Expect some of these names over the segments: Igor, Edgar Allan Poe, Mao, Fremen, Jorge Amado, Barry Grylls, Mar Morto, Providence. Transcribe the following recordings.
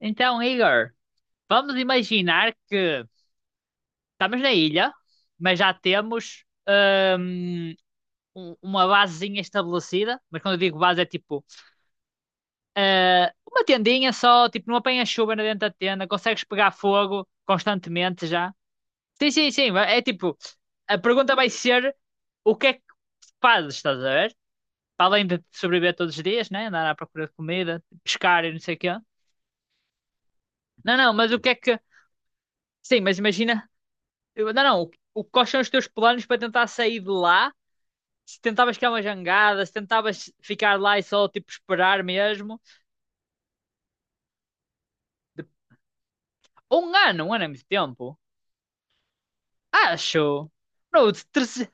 Então, Igor, vamos imaginar que estamos na ilha, mas já temos hum, uma basezinha estabelecida. Mas quando eu digo base, é tipo uma tendinha só, tipo, não apanha chuva na dentro da tenda, consegues pegar fogo constantemente já. Sim, sim, sim. É tipo, a pergunta vai ser o que é que fazes, estás a ver? Para além de sobreviver todos os dias, né? Andar à procura de comida, pescar e não sei o quê. Não, não, mas o que é que. Sim, mas imagina. Não, não. O, quais são os teus planos para tentar sair de lá? Se tentavas criar uma jangada, se tentavas ficar lá e só tipo esperar mesmo. De- um ano é muito tempo. Acho. Bro, de treze-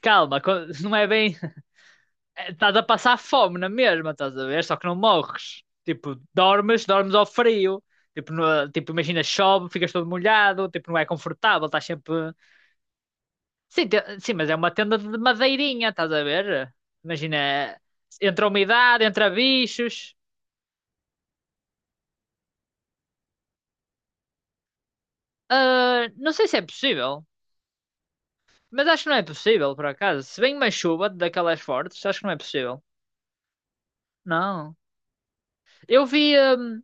Calma, não é bem. É, estás a passar fome na mesma, estás a ver? Só que não morres. Tipo, dormes ao frio. Tipo, tipo, imagina, chove, ficas todo molhado. Tipo, não é confortável, estás sempre. Sim, mas é uma tenda de madeirinha, estás a ver? Imagina, entre a umidade, entre bichos. Ah, não sei se é possível, mas acho que não é possível, por acaso. Se vem uma chuva daquelas fortes, acho que não é possível. Não. Eu vi, hum,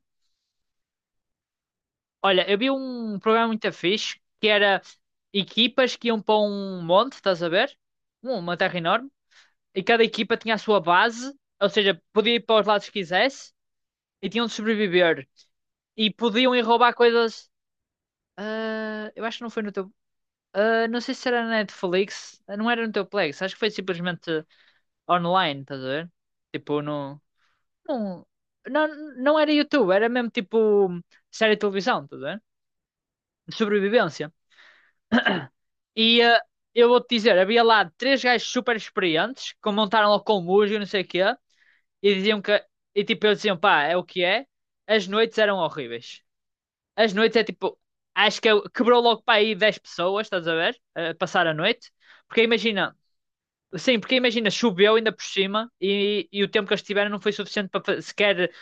olha, eu vi um programa muito fixe que era equipas que iam para um monte, estás a ver? Uma terra enorme. E cada equipa tinha a sua base, ou seja, podia ir para os lados que quisesse e tinham de sobreviver. E podiam ir roubar coisas. Ah, eu acho que não foi no teu. Não sei se era na Netflix. Não era no teu Plex. Acho que foi simplesmente online, estás a ver? Tipo, no. Não, não, não era YouTube, era mesmo tipo série de televisão, estás a ver? De sobrevivência. E eu vou-te dizer, havia lá três gajos super experientes que montaram lá com música e não sei o quê. E diziam que. E tipo, eles diziam, pá, é o que é. As noites eram horríveis. As noites é tipo. Acho que quebrou logo para aí 10 pessoas, estás a ver? A passar a noite. Porque imagina. Sim, porque imagina, choveu ainda por cima e o tempo que eles tiveram não foi suficiente para sequer.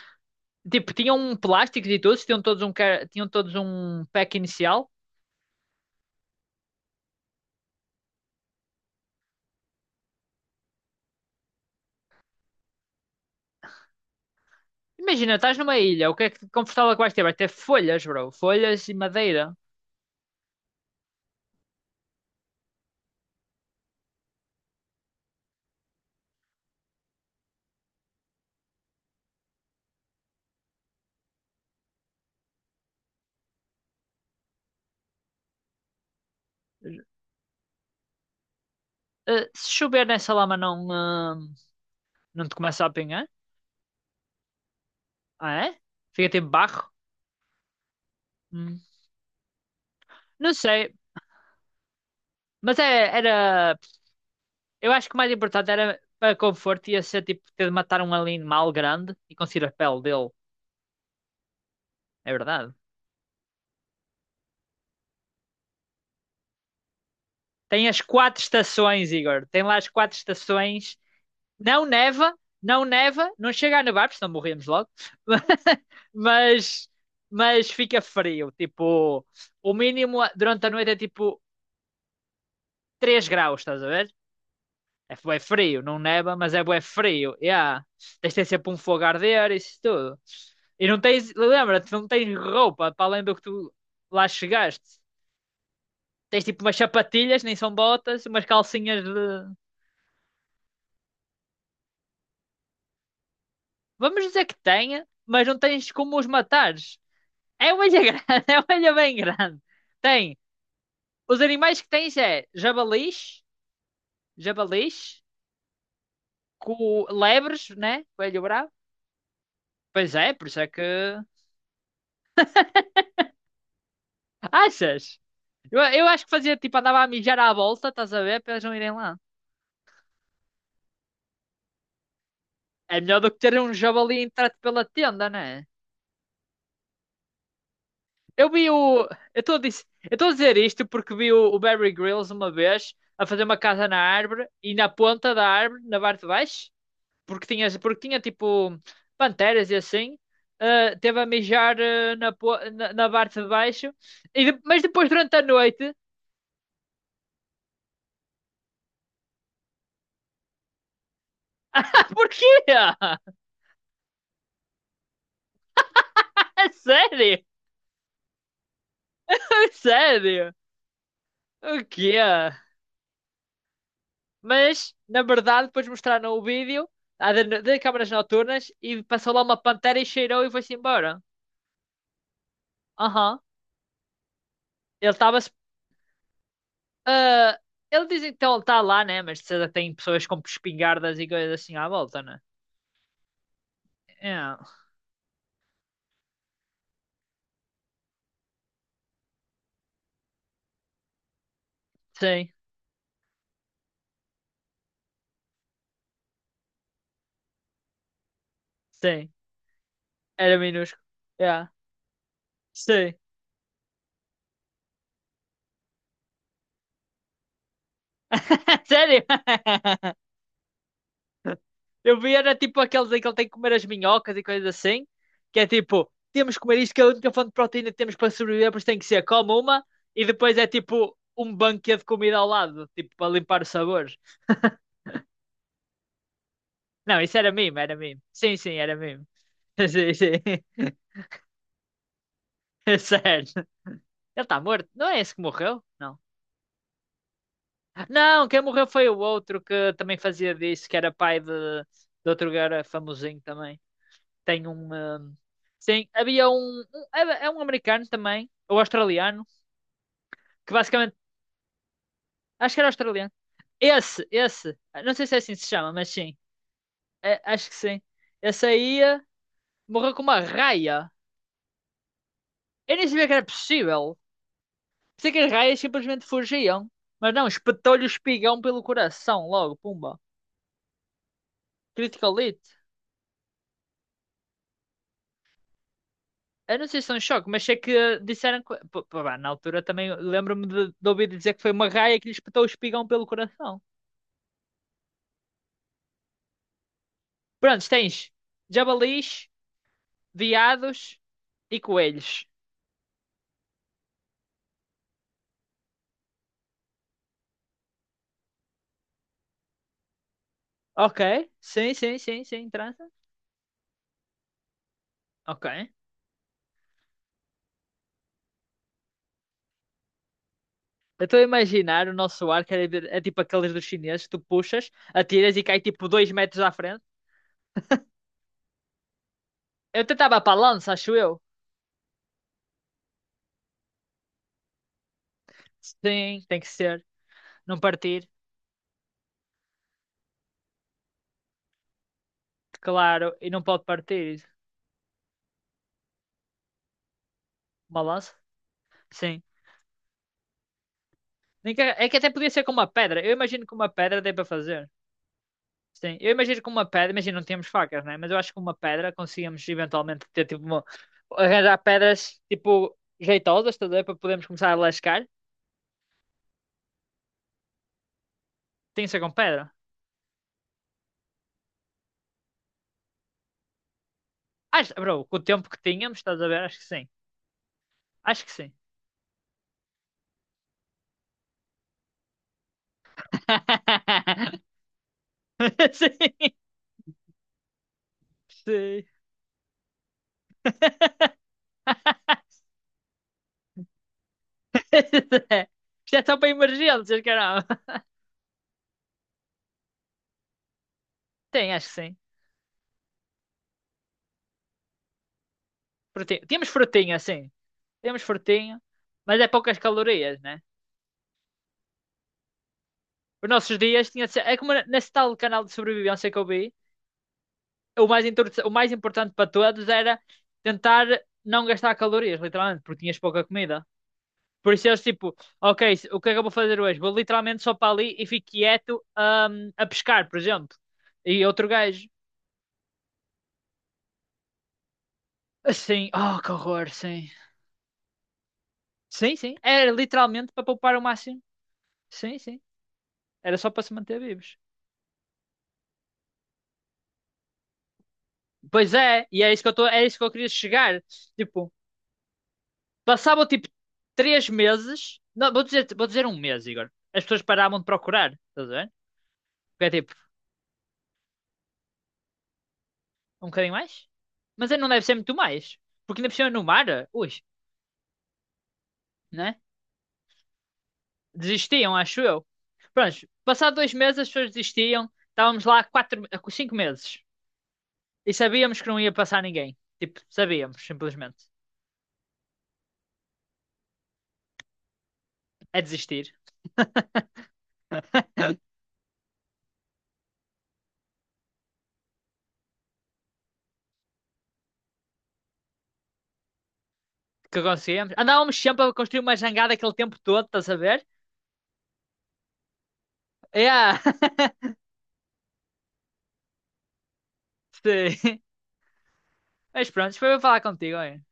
Tipo, tinham um plástico e todos, tinham todos um pack inicial. Imagina, estás numa ilha, o que é que confortável que vais ter? Vai ter folhas, bro. Folhas e madeira. Se chover nessa lama não, não te começa a apanhar? Ah, é? Fica tipo barro? Hum. Não sei. Mas era. Eu acho que o mais importante era para conforto ia ser tipo ter de matar um animal grande e conseguir a pele dele. É verdade. Tem as quatro estações, Igor. Tem lá as quatro estações. Não neva, não neva, não chega a nevar, porque senão morremos logo. Mas, mas fica frio. Tipo, o mínimo durante a noite é tipo 3 graus, estás a ver? É bué frio, não neva, mas é bué frio. Yeah. Tens de ter sempre um fogo a arder, isso tudo. E não tens, lembra-te, não tens roupa para além do que tu lá chegaste. Tens tipo umas sapatilhas, nem são botas, umas calcinhas de. Vamos dizer que tenha, mas não tens como os matares. É uma ilha grande, é uma ilha bem grande. Tem. Os animais que tens é jabalis, jabalis, com lebres, né? Coelho bravo. Pois é, por isso é que. Achas? Eu acho que fazia tipo, andava a mijar à volta, estás a ver? Para eles não irem lá. É melhor do que ter um javali entrado pela tenda, não é? Eu vi o. Eu estou a dizer, eu estou a dizer isto porque vi o Barry Grylls uma vez a fazer uma casa na árvore e na ponta da árvore, na parte de baixo, porque tinha tipo panteras e assim, teve a mijar na parte de baixo, e mas depois durante a noite. Ah, porquê? É sério? É sério? O quê? Mas, na verdade, depois mostraram o vídeo de câmaras noturnas e passou lá uma pantera e cheirou e foi-se embora. Aham. Ele estava ah, ele diz então ele está lá, né? Mas de certeza tem pessoas com espingardas e coisas assim à volta, né? Yeah. Sim, sim. Era minúsculo. Yeah. Sim. Sério? Eu vi, era tipo aqueles em que ele tem que comer as minhocas e coisas assim, que é tipo, temos que comer isto, que é a única fonte de proteína que temos para sobreviver, por isso tem que ser, come uma, e depois é tipo um banquete de comida ao lado, tipo, para limpar os sabores. Não, isso era meme, era meme. Sim, sim, era meme. Sim, sim. É sério. Ele está morto. Não é esse que morreu? Não. Não, quem morreu foi o outro que também fazia disso, que era pai de outro cara famosinho também. Tem um. Sim, havia um, é é um americano também, ou australiano, que basicamente. Acho que era australiano. Esse, esse. Não sei se é assim que se chama, mas sim. É, acho que sim. Esse aí morreu com uma raia. Eu nem sabia que era possível. Pensei que as raias simplesmente fugiam. Mas não, espetou-lhe o espigão pelo coração, logo, pumba. Critical hit. Eu não sei se é um choque, mas sei que disseram que. Pô, pô, pá, na altura também lembro-me de ouvir dizer que foi uma raia que lhe espetou o espigão pelo coração. Prontos, tens jabalis, veados e coelhos. Ok, sim, sim, sim, sim, trança. Ok. Eu estou a imaginar o nosso arco é tipo aqueles dos chineses que tu puxas, atiras e cai tipo 2 metros à frente. Eu tentava para a lança, acho eu. Sim, tem que ser. Não partir, claro, e não pode partir. Uma lança? Sim. Nem que- É que até podia ser com uma pedra. Eu imagino que uma pedra dê para fazer. Sim, eu imagino que uma pedra, imagino não temos facas, né? Mas eu acho que uma pedra conseguimos eventualmente ter tipo uma, arranjar pedras tipo jeitosas, estás a ver? Para podermos começar a lascar. Tem que ser com pedra. Acho, bro, com o tempo que tínhamos, estás a ver? Acho que sim. Acho que sim. Sim, sim. Isto é só para emergências, caramba. Tem, acho que sim. Frutinha. Temos frutinha, sim. Temos frutinha, mas é poucas calorias, né? Os nossos dias tinha de ser. É como nesse tal canal de sobrevivência que eu vi, o mais importante para todos era tentar não gastar calorias, literalmente, porque tinhas pouca comida. Por isso eles tipo, ok, o que é que eu vou fazer hoje? Vou literalmente só para ali e fico quieto, a pescar, por exemplo. E outro gajo. Assim, oh, que horror, sim. Sim, sim. Era literalmente para poupar o máximo. Sim, sim. Era só para se manter vivos. Pois é, e é isso que eu queria chegar. Tipo, passavam tipo 3 meses. Não, vou dizer um mês, Igor. As pessoas paravam de procurar, estás a ver? Porque é tipo, um bocadinho mais. Mas aí não deve ser muito mais. Porque ainda por cima no mar, ui, né? Desistiam, acho eu. Pronto, passado 2 meses as pessoas desistiam. Estávamos lá há 4, há 5 meses. E sabíamos que não ia passar ninguém. Tipo, sabíamos, simplesmente. É desistir. Que conseguíamos. Andávamos sempre a construir uma jangada aquele tempo todo, estás a ver? Yeah. Sim. Mas pronto, foi para falar contigo, hein?